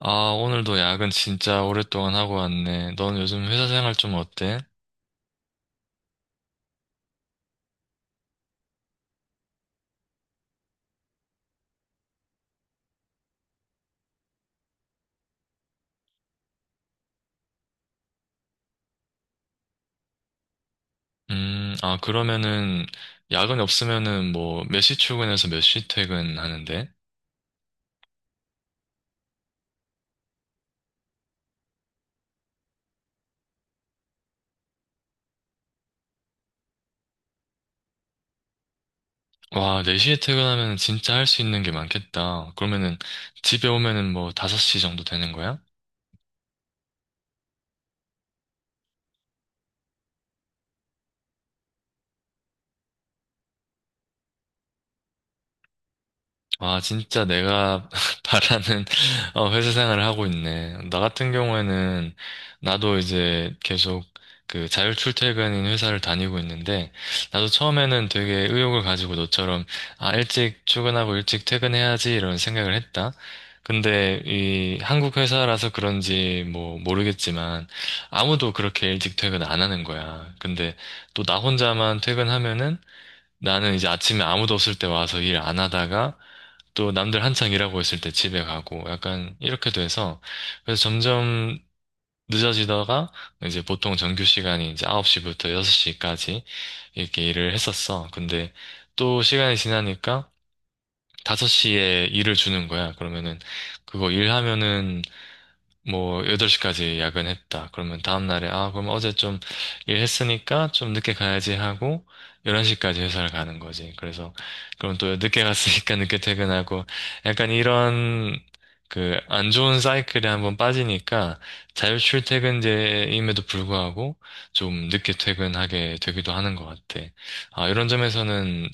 아, 오늘도 야근 진짜 오랫동안 하고 왔네. 넌 요즘 회사 생활 좀 어때? 아, 그러면은, 야근 없으면은 뭐, 몇 시 출근해서 몇 시 퇴근하는데? 와, 4시에 퇴근하면 진짜 할 수 있는 게 많겠다. 그러면은, 집에 오면은 뭐, 5시 정도 되는 거야? 아, 진짜 내가 바라는 회사 생활을 하고 있네. 나 같은 경우에는 나도 이제 계속 그 자율 출퇴근인 회사를 다니고 있는데 나도 처음에는 되게 의욕을 가지고 너처럼 아, 일찍 출근하고 일찍 퇴근해야지 이런 생각을 했다. 근데 이 한국 회사라서 그런지 뭐 모르겠지만 아무도 그렇게 일찍 퇴근 안 하는 거야. 근데 또 나 혼자만 퇴근하면은 나는 이제 아침에 아무도 없을 때 와서 일 안 하다가 또 남들 한창 일하고 있을 때 집에 가고 약간 이렇게 돼서 그래서 점점 늦어지다가 이제 보통 정규 시간이 이제 9시부터 6시까지 이렇게 일을 했었어. 근데 또 시간이 지나니까 5시에 일을 주는 거야. 그러면은 그거 일하면은 뭐 8시까지 야근했다. 그러면 다음날에 아, 그럼 어제 좀 일했으니까 좀 늦게 가야지 하고 11시까지 회사를 가는 거지. 그래서 그럼 또 늦게 갔으니까 늦게 퇴근하고 약간 이런 그 안 좋은 사이클에 한번 빠지니까 자율 출퇴근제임에도 불구하고 좀 늦게 퇴근하게 되기도 하는 것 같아. 아, 이런 점에서는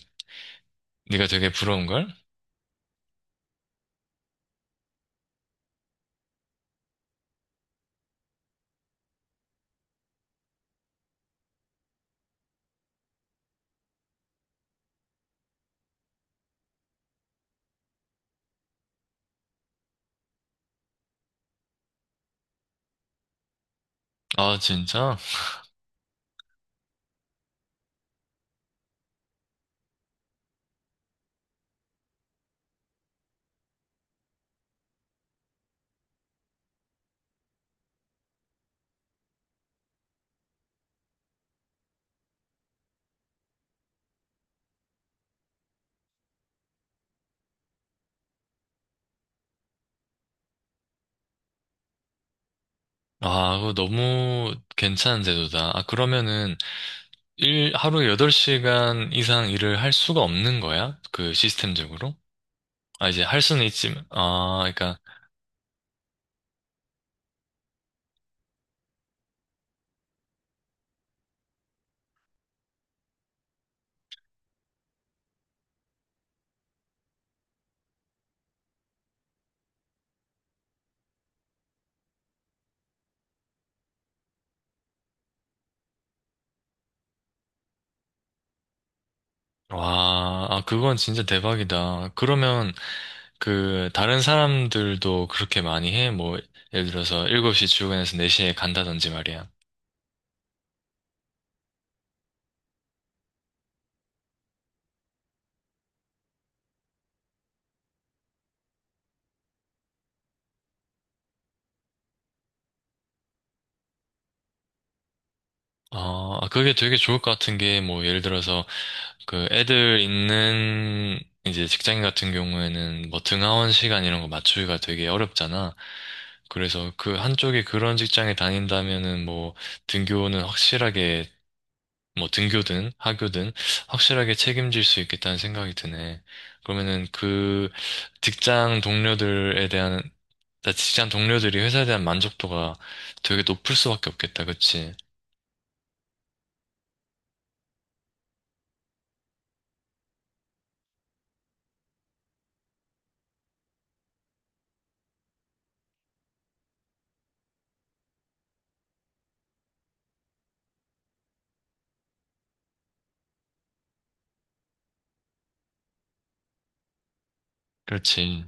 네가 되게 부러운 걸? 아, 진짜? 아, 그거 너무 괜찮은 제도다. 아, 그러면은 일, 하루에 8시간 이상 일을 할 수가 없는 거야? 그 시스템적으로? 아, 이제 할 수는 있지만, 아, 그러니까, 와, 아, 그건 진짜 대박이다. 그러면, 그, 다른 사람들도 그렇게 많이 해? 뭐, 예를 들어서 7시 출근해서 4시에 간다든지 말이야. 아, 그게 되게 좋을 것 같은 게, 뭐, 예를 들어서, 그 애들 있는 이제 직장인 같은 경우에는 뭐 등하원 시간 이런 거 맞추기가 되게 어렵잖아. 그래서 그 한쪽에 그런 직장에 다닌다면은 뭐 등교는 확실하게 뭐 등교든 하교든 확실하게 책임질 수 있겠다는 생각이 드네. 그러면은 그 직장 동료들에 대한 직장 동료들이 회사에 대한 만족도가 되게 높을 수밖에 없겠다. 그치? 그렇지.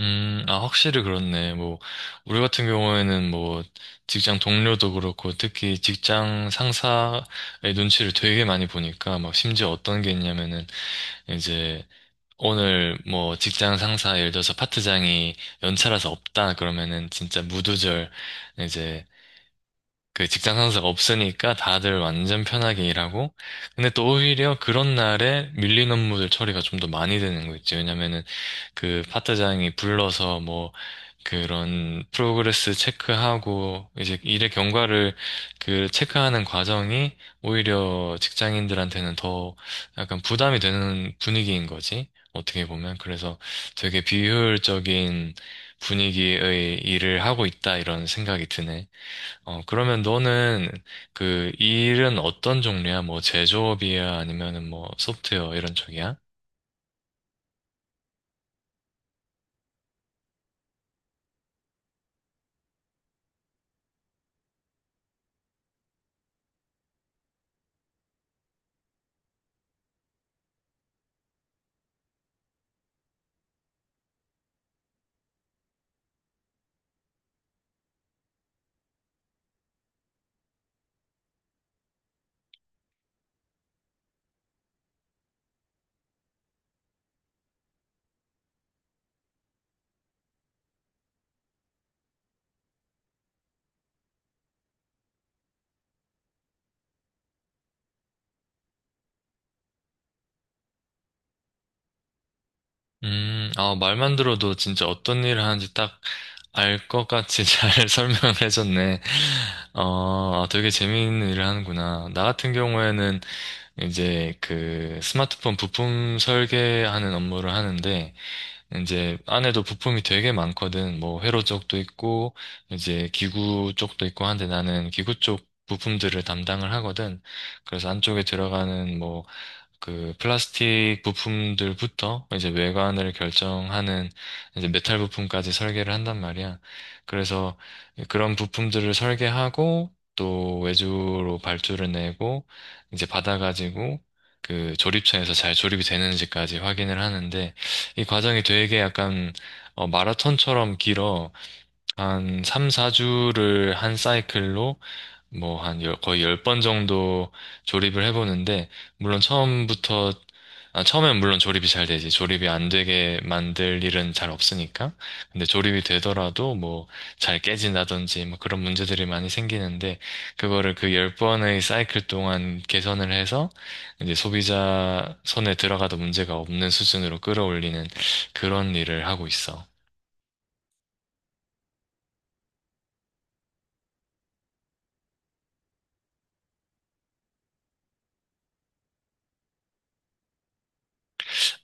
아, 확실히 그렇네. 뭐, 우리 같은 경우에는 뭐, 직장 동료도 그렇고, 특히 직장 상사의 눈치를 되게 많이 보니까, 막, 심지어 어떤 게 있냐면은, 이제, 오늘 뭐, 직장 상사, 예를 들어서 파트장이 연차라서 없다, 그러면은, 진짜 무두절, 이제, 그 직장 상사가 없으니까 다들 완전 편하게 일하고, 근데 또 오히려 그런 날에 밀린 업무들 처리가 좀 더 많이 되는 거 있지. 왜냐면은, 그 파트장이 불러서 뭐 그런 프로그레스 체크하고 이제 일의 경과를 그 체크하는 과정이 오히려 직장인들한테는 더 약간 부담이 되는 분위기인 거지. 어떻게 보면. 그래서 되게 비효율적인 분위기의 일을 하고 있다 이런 생각이 드네. 그러면 너는 그 일은 어떤 종류야? 뭐 제조업이야? 아니면은 뭐 소프트웨어 이런 쪽이야? 아, 말만 들어도 진짜 어떤 일을 하는지 딱 알 것 같이 잘 설명을 해줬네. 아, 되게 재미있는 일을 하는구나. 나 같은 경우에는 이제 그 스마트폰 부품 설계하는 업무를 하는데, 이제 안에도 부품이 되게 많거든. 뭐 회로 쪽도 있고, 이제 기구 쪽도 있고 한데 나는 기구 쪽 부품들을 담당을 하거든. 그래서 안쪽에 들어가는 뭐 그 플라스틱 부품들부터 이제 외관을 결정하는 이제 메탈 부품까지 설계를 한단 말이야. 그래서 그런 부품들을 설계하고 또 외주로 발주를 내고 이제 받아가지고 그 조립처에서 잘 조립이 되는지까지 확인을 하는데 이 과정이 되게 약간 마라톤처럼 길어. 한 3, 4주를 한 사이클로 뭐, 거의 열 번 정도 조립을 해보는데, 물론 처음부터, 아, 처음엔 물론 조립이 잘 되지. 조립이 안 되게 만들 일은 잘 없으니까. 근데 조립이 되더라도 뭐, 잘 깨진다든지, 뭐 그런 문제들이 많이 생기는데, 그거를 그 열번의 사이클 동안 개선을 해서, 이제 소비자 손에 들어가도 문제가 없는 수준으로 끌어올리는 그런 일을 하고 있어.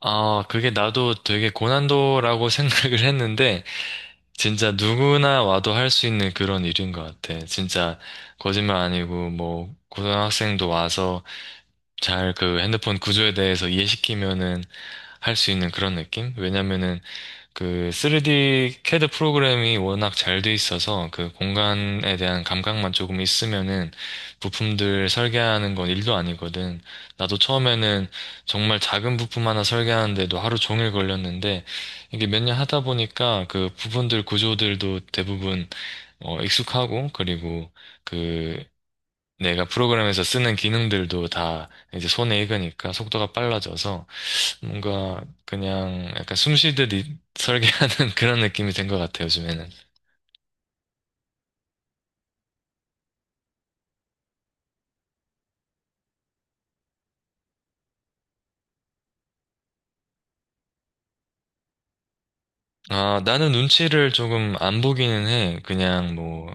아, 그게 나도 되게 고난도라고 생각을 했는데, 진짜 누구나 와도 할 수 있는 그런 일인 것 같아. 진짜 거짓말 아니고 뭐 고등학생도 와서 잘 그 핸드폰 구조에 대해서 이해시키면은 할 수 있는 그런 느낌? 왜냐면은 그 3D CAD 프로그램이 워낙 잘 돼 있어서 그 공간에 대한 감각만 조금 있으면은 부품들 설계하는 건 일도 아니거든. 나도 처음에는 정말 작은 부품 하나 설계하는데도 하루 종일 걸렸는데 이게 몇 년 하다 보니까 그 부분들 구조들도 대부분 익숙하고 그리고 그 내가 프로그램에서 쓰는 기능들도 다 이제 손에 익으니까 속도가 빨라져서 뭔가 그냥 약간 숨 쉬듯이 설계하는 그런 느낌이 된 것 같아요, 요즘에는. 아, 나는 눈치를 조금 안 보기는 해. 그냥 뭐,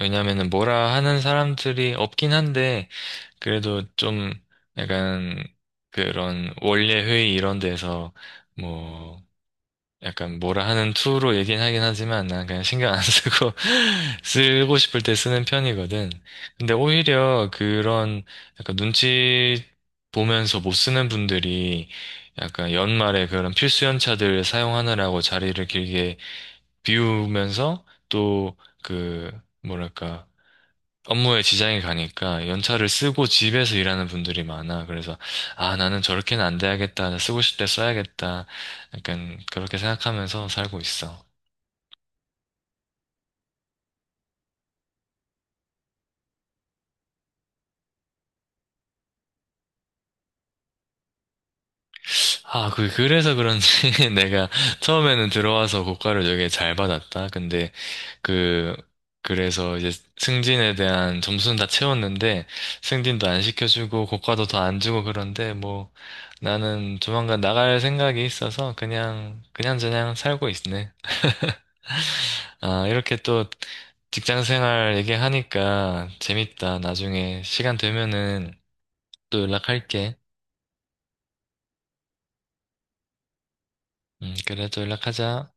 왜냐면은 뭐라 하는 사람들이 없긴 한데, 그래도 좀 약간 그런 원래 회의 이런 데서 뭐, 약간 뭐라 하는 투로 얘기는 하긴 하지만 난 그냥 신경 안 쓰고 쓰고 싶을 때 쓰는 편이거든. 근데 오히려 그런 약간 눈치 보면서 못 쓰는 분들이 약간 연말에 그런 필수 연차들 사용하느라고 자리를 길게 비우면서 또 그 뭐랄까 업무에 지장이 가니까 연차를 쓰고 집에서 일하는 분들이 많아. 그래서, 아, 나는 저렇게는 안 돼야겠다. 쓰고 싶을 때 써야겠다. 약간 그렇게 생각하면서 살고 있어. 아, 그래서 그런지 내가 처음에는 들어와서 고과를 되게 잘 받았다. 근데 그, 그래서 이제 승진에 대한 점수는 다 채웠는데 승진도 안 시켜주고 고과도 더 안 주고 그런데 뭐 나는 조만간 나갈 생각이 있어서 그냥, 그냥저냥 살고 있네. 아, 이렇게 또 직장 생활 얘기하니까 재밌다. 나중에 시간 되면은 또 연락할게. 그래, 또 연락하자.